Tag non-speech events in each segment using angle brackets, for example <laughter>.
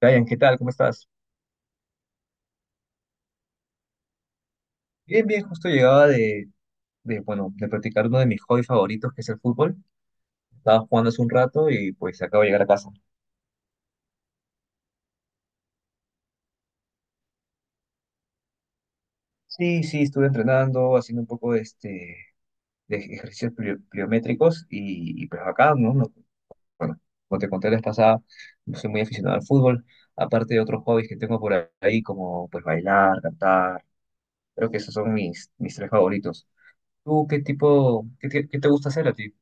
Brian, ¿qué tal? ¿Cómo estás? Bien, bien, justo llegaba bueno, de practicar uno de mis hobbies favoritos, que es el fútbol. Estaba jugando hace un rato y pues acabo de llegar a casa. Sí, sí, estuve entrenando, haciendo un poco de, de ejercicios pliométricos y pues acá, ¿no? No, bueno, como te conté la vez pasada, no soy muy aficionado al fútbol, aparte de otros hobbies que tengo por ahí, como pues bailar, cantar. Creo que esos son mis tres favoritos. ¿Tú qué tipo, qué, qué te gusta hacer a ti?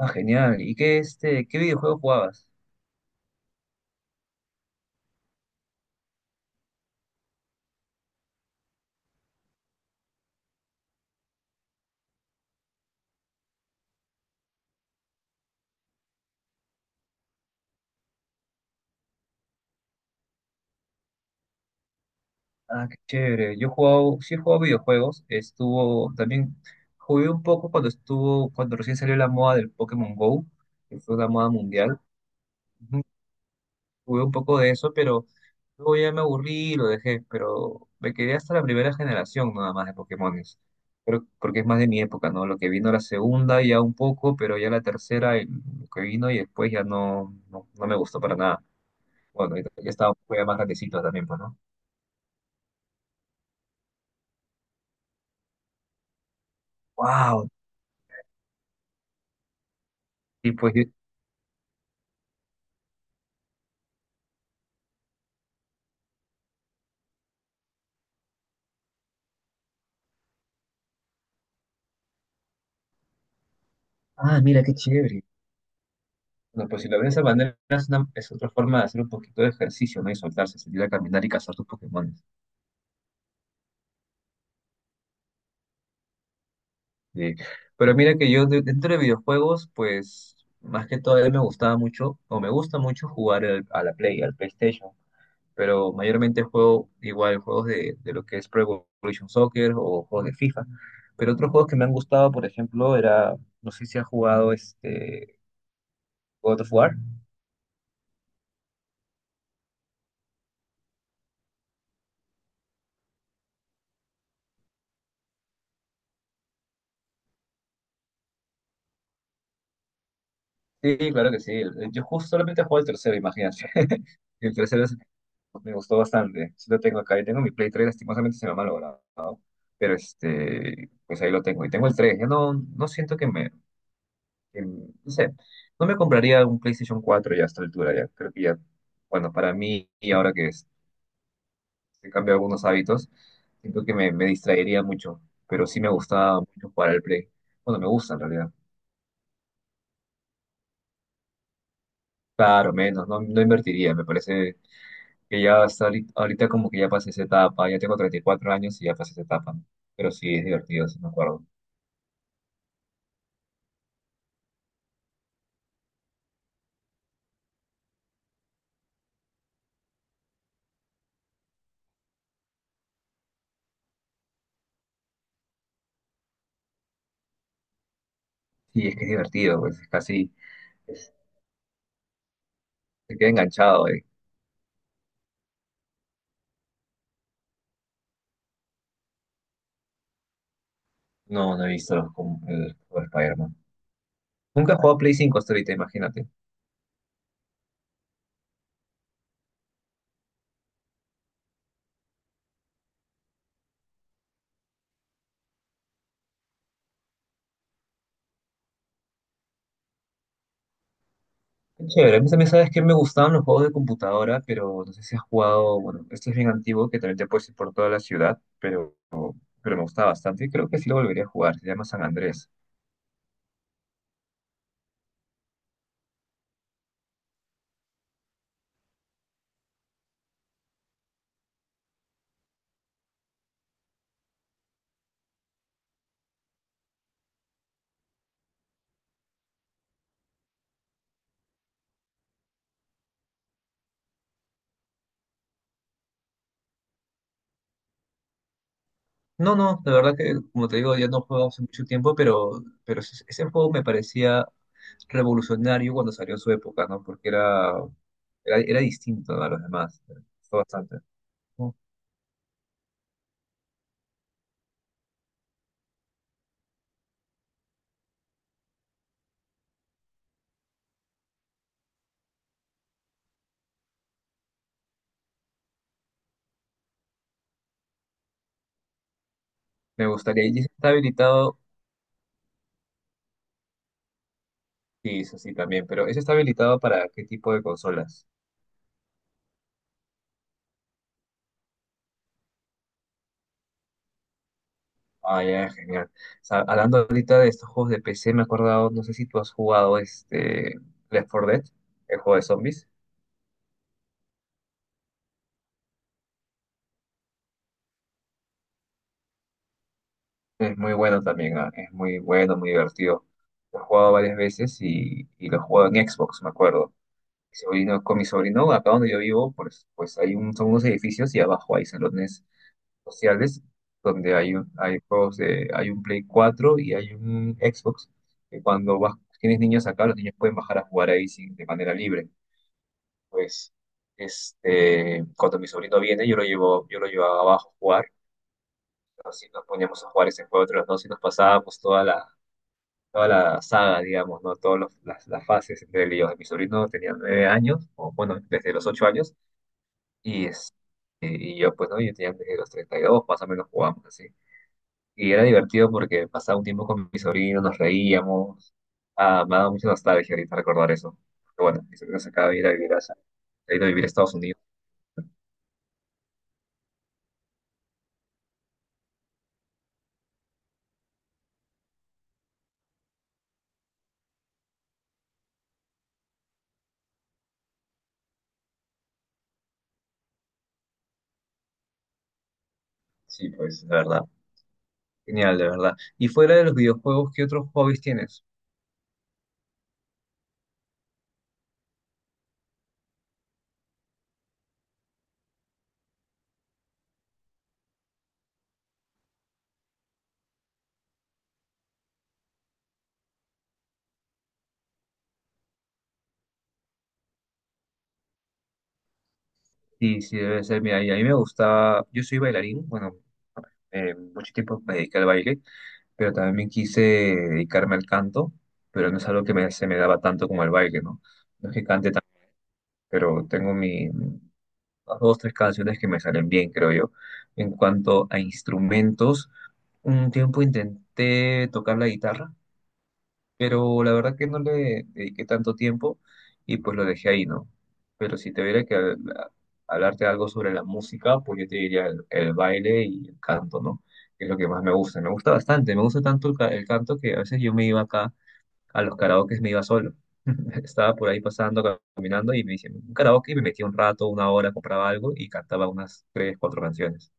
Ah, genial. ¿Y qué, este, qué videojuego jugabas? Ah, qué chévere. Yo he jugado, sí he jugado videojuegos. Estuvo, también jugué un poco cuando estuvo, cuando recién salió la moda del Pokémon Go, que fue la moda mundial. Ujú. Jugué un poco de eso, pero luego ya me aburrí y lo dejé. Pero me quedé hasta la primera generación nada más de Pokémones. Pero porque es más de mi época, ¿no? Lo que vino la segunda ya un poco, pero ya la tercera, lo que vino y después ya no, no, no me gustó para nada. Bueno, ya estaba ya más grandecito también, pues, ¿no? ¡Wow! Y pues, ah, mira qué chévere. Bueno, pues si lo ves de esa manera, es otra forma de hacer un poquito de ejercicio, ¿no? Y soltarse, salir a caminar y cazar tus Pokémon. Eh, Pero mira que yo dentro de videojuegos, pues más que todo a mí me gustaba mucho, o me gusta mucho jugar a la Play, al PlayStation. Pero mayormente juego igual juegos de lo que es Pro Evolution Soccer o juegos de FIFA. Pero otros juegos que me han gustado, por ejemplo, era, no sé si has jugado este God of War. Sí, claro que sí. Yo justo solamente juego el tercero, imagínate. <laughs> El tercero es... Me gustó bastante. Sí lo tengo acá. Yo tengo mi Play 3, lastimosamente se me ha malogrado. Pero este, pues ahí lo tengo. Y tengo el tres. Ya no, no siento que no sé, no me compraría un PlayStation 4 ya a esta altura. Ya creo que ya, bueno, para mí, y ahora he cambiado algunos hábitos, siento que me distraería mucho. Pero sí me gustaba mucho jugar al Play. Bueno, me gusta en realidad. Claro, menos, no, no invertiría. Me parece que ya hasta ahorita, ahorita como que ya pasé esa etapa, ya tengo 34 años y ya pasé esa etapa, ¿no? Pero sí, es divertido, sí me acuerdo. Sí, es que es divertido, pues es casi, es- te queda enganchado, eh. No, no he visto el juego de Spider-Man. Nunca he jugado Play 5 hasta ahorita, imagínate. Qué chévere, a mí también sabes que me gustaban los juegos de computadora, pero no sé si has jugado, bueno, este es bien antiguo, que también te puedes ir por toda la ciudad, pero me gustaba bastante y creo que sí lo volvería a jugar, se llama San Andrés. No, no, la verdad que, como te digo, ya no juego hace mucho tiempo, pero ese juego me parecía revolucionario cuando salió en su época, ¿no? Porque era, era, era distinto, ¿no?, a los demás. Me gustó bastante. ¿No? Me gustaría. ¿Y ese está habilitado? Sí, eso sí, también. Pero ¿ese está habilitado para qué tipo de consolas? Ah, ya, genial. O sea, hablando ahorita de estos juegos de PC, me he acordado, no sé si tú has jugado este Left 4 Dead, el juego de zombies. Es muy bueno también, ah, es muy bueno, muy divertido. Lo he jugado varias veces y lo he jugado en Xbox, me acuerdo. Con mi sobrino, acá donde yo vivo, pues, pues hay son unos edificios y abajo hay salones sociales donde hay juegos de, hay un Play 4 y hay un Xbox. Que cuando vas, tienes niños acá, los niños pueden bajar a jugar ahí sin, de manera libre. Pues, este, cuando mi sobrino viene, yo lo llevo abajo a jugar. Así nos poníamos a jugar ese juego entre los dos y nos pasábamos toda toda la saga, digamos, ¿no? Las fases entre él y yo. Mi sobrino tenía 9 años, o bueno, desde los 8 años, y, es, y yo, pues, ¿no? Yo tenía desde los 32 más o menos jugamos así. Y era divertido porque pasaba un tiempo con mi sobrino, nos reíamos. Ah, me ha dado mucha nostalgia ahorita recordar eso. Pero bueno, mi sobrino se acaba de ir a vivir se ha ido a vivir a Estados Unidos. Sí, pues, de verdad. Genial, de verdad. Y fuera de los videojuegos, ¿qué otros hobbies tienes? Sí, sí, debe ser. Mira, y a mí me gustaba, yo soy bailarín, bueno, mucho tiempo me dediqué al baile, pero también quise dedicarme al canto, pero no es algo que se me daba tanto como el baile, ¿no? No es que cante tanto, pero tengo las dos, tres canciones que me salen bien, creo yo. En cuanto a instrumentos, un tiempo intenté tocar la guitarra, pero la verdad que no le dediqué tanto tiempo y pues lo dejé ahí, ¿no? Pero si te hubiera que hablarte algo sobre la música, pues yo te diría el baile y el canto, ¿no? Que es lo que más me gusta. Me gusta bastante, me gusta tanto el canto que a veces yo me iba acá a los karaokes, me iba solo. <laughs> Estaba por ahí pasando, caminando y me hice un karaoke y me metía un rato, una hora, compraba algo y cantaba unas tres, cuatro canciones.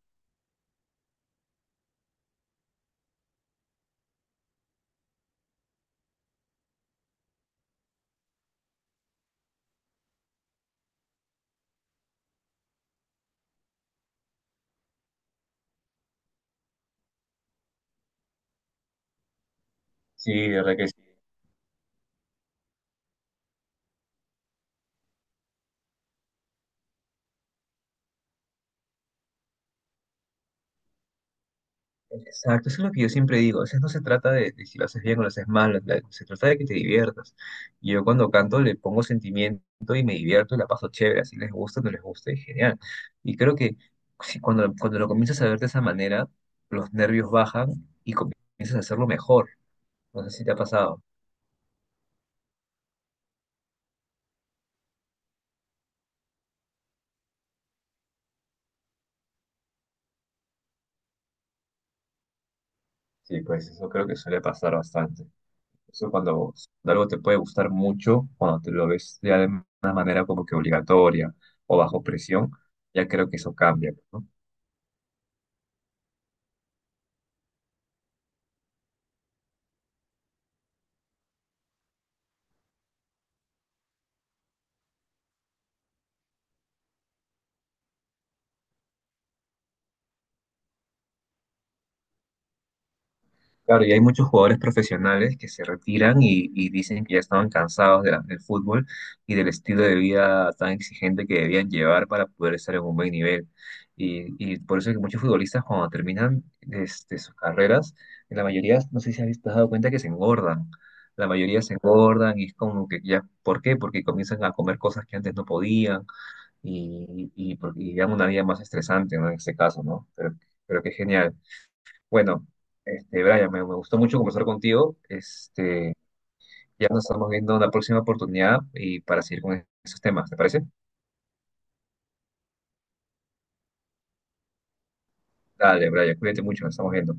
Sí, de verdad que... Exacto, eso es lo que yo siempre digo. A veces no se trata de si lo haces bien o lo haces mal, se trata de que te diviertas. Y yo cuando canto le pongo sentimiento y me divierto y la paso chévere, así les gusta o no les gusta, es genial. Y creo que si cuando lo comienzas a ver de esa manera, los nervios bajan y comienzas a hacerlo mejor. No sé si te ha pasado. Sí, pues eso creo que suele pasar bastante. Eso cuando algo te puede gustar mucho, cuando te lo ves ya de una manera como que obligatoria o bajo presión, ya creo que eso cambia, ¿no? Claro, y hay muchos jugadores profesionales que se retiran y dicen que ya estaban cansados de del fútbol y del estilo de vida tan exigente que debían llevar para poder estar en un buen nivel. Y por eso es que muchos futbolistas cuando terminan este, sus carreras, en la mayoría, no sé si te has dado cuenta que se engordan. La mayoría se engordan y es como que ya, ¿por qué? Porque comienzan a comer cosas que antes no podían y llevan una vida más estresante, ¿no? En este caso, ¿no? Pero qué genial. Bueno, este, Brian, me gustó mucho conversar contigo. Este, ya nos estamos viendo en la próxima oportunidad y para seguir con esos temas, ¿te parece? Dale, Brian, cuídate mucho, nos estamos viendo.